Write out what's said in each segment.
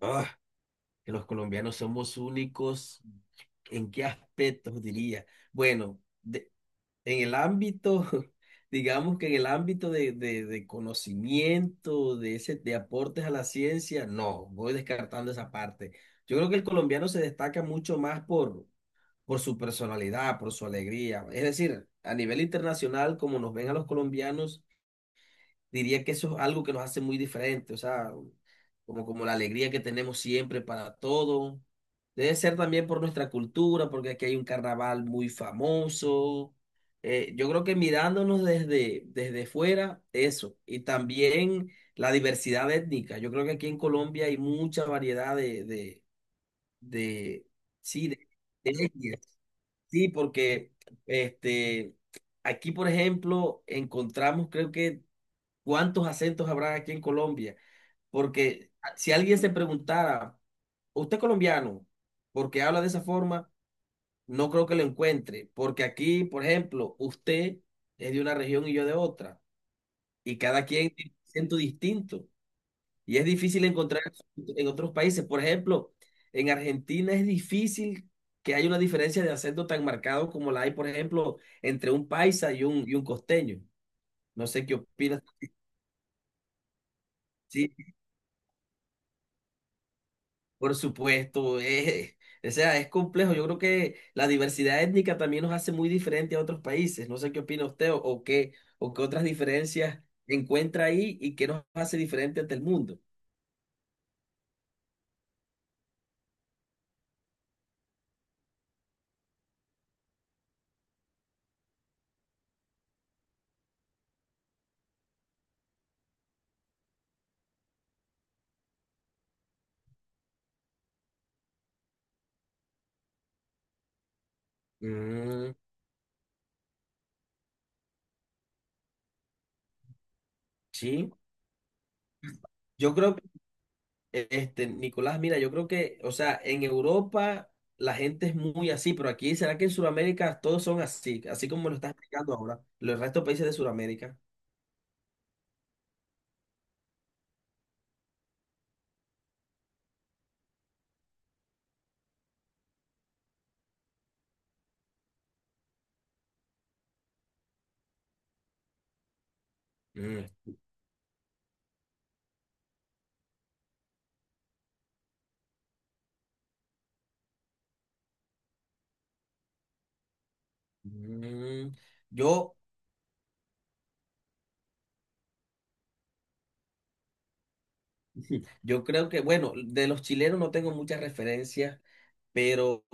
Ah, que los colombianos somos únicos. ¿En qué aspectos diría? Bueno, en el ámbito, digamos que en el ámbito de conocimiento, de ese, de aportes a la ciencia, no, voy descartando esa parte. Yo creo que el colombiano se destaca mucho más por su personalidad, por su alegría. Es decir, a nivel internacional, como nos ven a los colombianos, diría que eso es algo que nos hace muy diferentes, o sea, como la alegría que tenemos siempre para todo. Debe ser también por nuestra cultura, porque aquí hay un carnaval muy famoso. Yo creo que mirándonos desde fuera, eso. Y también la diversidad étnica. Yo creo que aquí en Colombia hay mucha variedad de, sí, de etnias. Sí, porque este, aquí, por ejemplo, encontramos, creo que cuántos acentos habrá aquí en Colombia, porque si alguien se preguntara, ¿usted es colombiano? Porque habla de esa forma, no creo que lo encuentre, porque aquí, por ejemplo, usted es de una región y yo de otra, y cada quien tiene un acento distinto, y es difícil encontrar eso en otros países. Por ejemplo, en Argentina es difícil que haya una diferencia de acento tan marcado como la hay, por ejemplo, entre un paisa y y un costeño. No sé qué opinas. Sí, por supuesto, o sea, es complejo. Yo creo que la diversidad étnica también nos hace muy diferente a otros países. No sé qué opina usted o qué otras diferencias encuentra ahí y qué nos hace diferente ante el mundo. Mm, sí, yo creo, Nicolás, mira, yo creo que, o sea, en Europa la gente es muy así, pero aquí, ¿será que en Sudamérica todos son así? Así como lo estás explicando ahora, los restos de países de Sudamérica. Mm, mm, yo. Yo creo que, bueno, de los chilenos no tengo muchas referencias, pero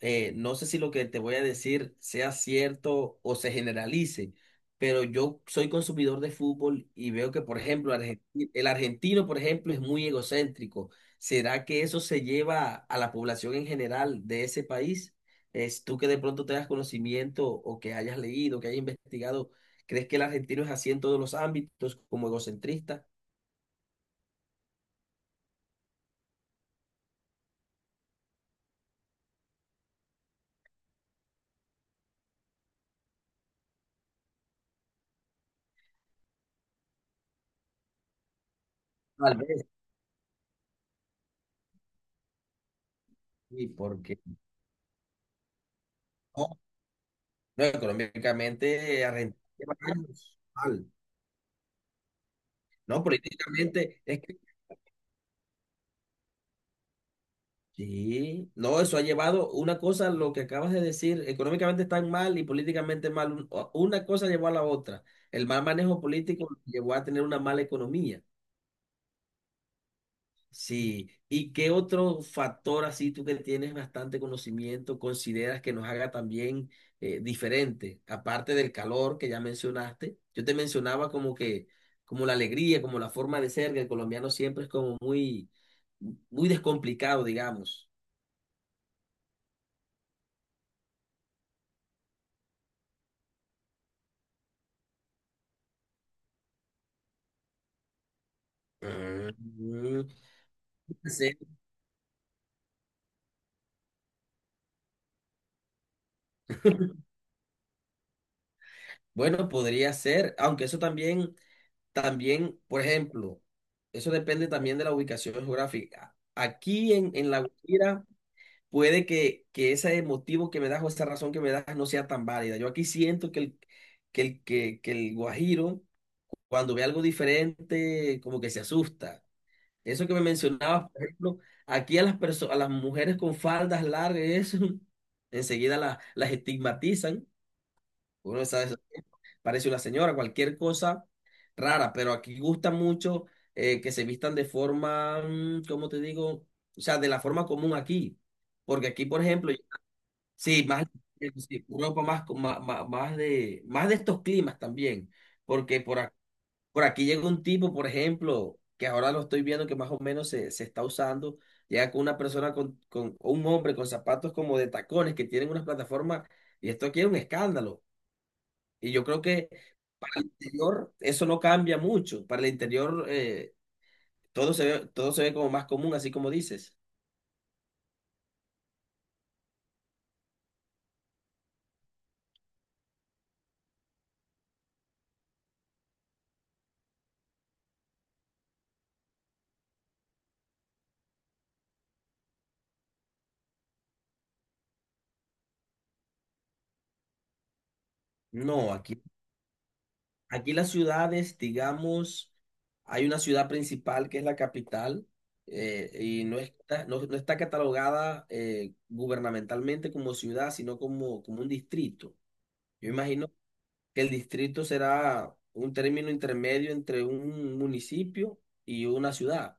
no sé si lo que te voy a decir sea cierto o se generalice, pero yo soy consumidor de fútbol y veo que, por ejemplo, el argentino, por ejemplo, es muy egocéntrico. ¿Será que eso se lleva a la población en general de ese país? Es tú que de pronto tengas conocimiento o que hayas leído, que hayas investigado, ¿crees que el argentino es así en todos los ámbitos como egocentrista? Tal vez sí, porque. No, económicamente Argentina lleva años mal, ¿no? Políticamente es que sí, no, eso ha llevado una cosa, lo que acabas de decir, económicamente están mal y políticamente mal, una cosa llevó a la otra. El mal manejo político llevó a tener una mala economía. Sí, ¿y qué otro factor así tú que tienes bastante conocimiento consideras que nos haga también diferente? Aparte del calor que ya mencionaste, yo te mencionaba como que, como la alegría, como la forma de ser, que el colombiano siempre es como muy, muy descomplicado, digamos. Mm, sí, bueno, podría ser, aunque eso también, por ejemplo, eso depende también de la ubicación geográfica. Aquí en La Guajira puede que ese motivo que me das o esa razón que me das no sea tan válida. Yo aquí siento que el guajiro, cuando ve algo diferente, como que se asusta. Eso que me mencionabas, por ejemplo, aquí a las mujeres con faldas largas, eso, enseguida las estigmatizan. Uno no sabe eso, parece una señora, cualquier cosa rara, pero aquí gusta mucho que se vistan de forma, ¿cómo te digo? O sea, de la forma común aquí. Porque aquí, por ejemplo, sí, más, sí, Europa más, más de estos climas también, porque por aquí llega un tipo, por ejemplo, que ahora lo estoy viendo que más o menos se está usando, llega con una persona, con un hombre con zapatos como de tacones que tienen unas plataformas, y esto aquí es un escándalo. Y yo creo que para el interior eso no cambia mucho, para el interior todo se ve como más común, así como dices. No, aquí las ciudades, digamos, hay una ciudad principal que es la capital y no está catalogada gubernamentalmente como ciudad, sino como un distrito. Yo imagino que el distrito será un término intermedio entre un municipio y una ciudad.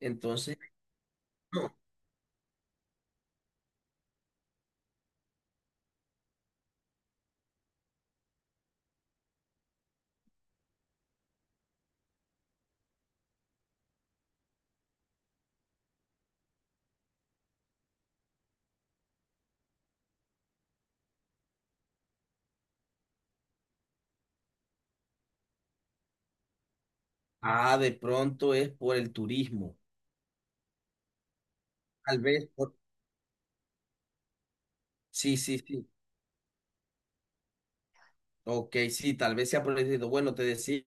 Entonces, no. Ah, de pronto es por el turismo. Tal vez por. Sí, sí, sí. Ok, sí, tal vez sea por el distrito. Bueno, te decía,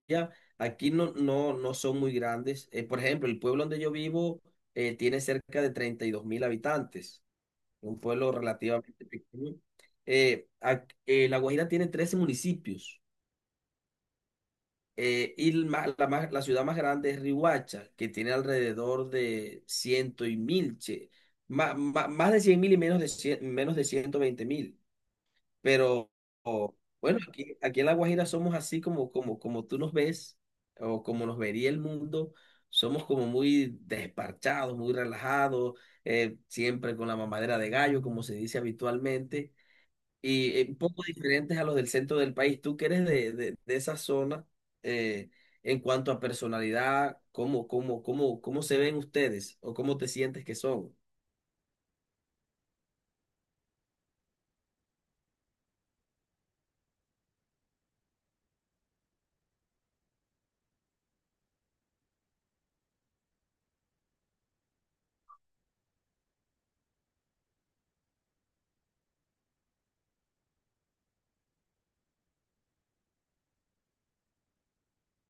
aquí no son muy grandes. Por ejemplo, el pueblo donde yo vivo tiene cerca de 32.000 habitantes, un pueblo relativamente pequeño. La Guajira tiene 13 municipios y el ma- la, más- la ciudad más grande es Riohacha, que tiene alrededor de ciento y mil, che, ma- ma- más de 100.000 y menos de 120.000. Pero o- bueno, aquí en La Guajira somos así como tú nos ves o como nos vería el mundo. Somos como muy desparchados, muy relajados, siempre con la mamadera de gallo, como se dice habitualmente, y un poco diferentes a los del centro del país. Tú que eres de esa zona, eh, en cuanto a personalidad, ¿cómo se ven ustedes o cómo te sientes que son?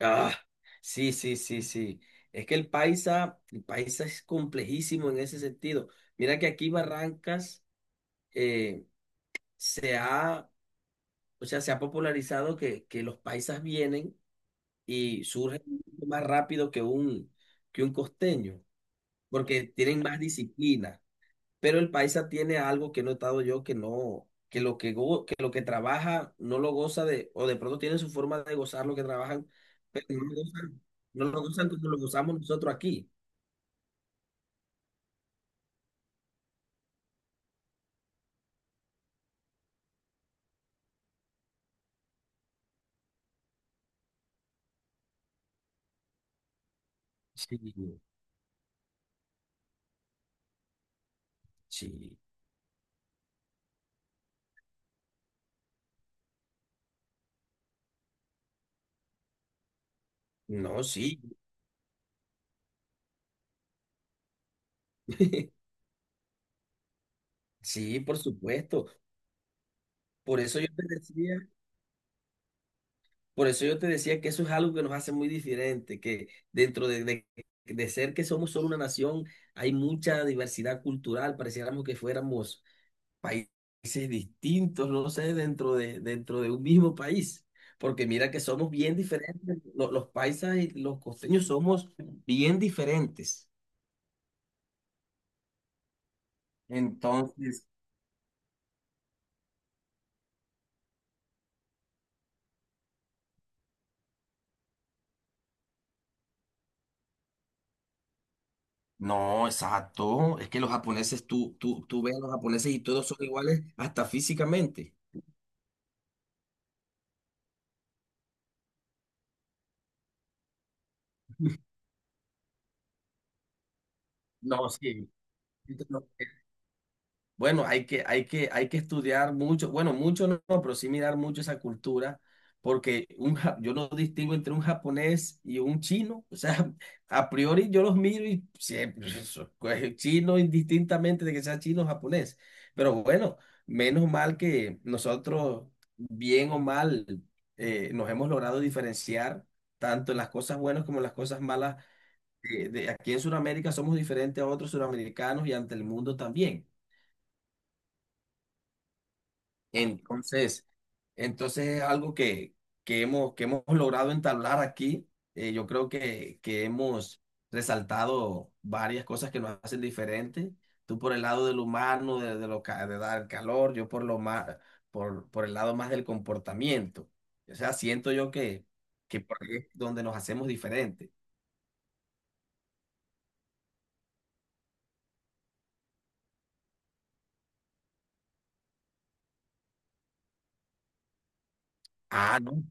Ah, sí, sí, sí, sí. Es que el paisa es complejísimo en ese sentido. Mira que aquí Barrancas eh, se ha, o sea, se ha popularizado que los paisas vienen y surgen mucho más rápido que un costeño, porque tienen más disciplina. Pero el paisa tiene algo que he notado yo que no, que lo que, go- que lo que trabaja no lo goza de, o de pronto tiene su forma de gozar lo que trabajan no lo usan, no lo usan como lo usamos nosotros aquí. Sí, sí, no, sí, sí, por supuesto. Por eso yo te decía, que eso es algo que nos hace muy diferente, que dentro de ser que somos solo una nación, hay mucha diversidad cultural, pareciéramos que fuéramos países distintos, no sé, dentro de un mismo país. Porque mira que somos bien diferentes, los paisas y los costeños somos bien diferentes. Entonces, no, exacto. Es que los japoneses, tú ves a los japoneses y todos son iguales hasta físicamente. No, sí. Bueno, hay que estudiar mucho, bueno, mucho no, no, pero sí mirar mucho esa cultura, porque yo no distingo entre un japonés y un chino, o sea, a priori yo los miro y siempre, eso, pues, chino indistintamente de que sea chino o japonés, pero bueno, menos mal que nosotros, bien o mal, nos hemos logrado diferenciar tanto en las cosas buenas como en las cosas malas. Aquí en Sudamérica somos diferentes a otros sudamericanos y ante el mundo también. Entonces, es algo que hemos logrado entablar aquí. Yo creo que hemos resaltado varias cosas que nos hacen diferentes. Tú por el lado del humano, de dar calor, yo por el lado más del comportamiento. O sea, siento yo que por ahí es donde nos hacemos diferentes. Ah, no.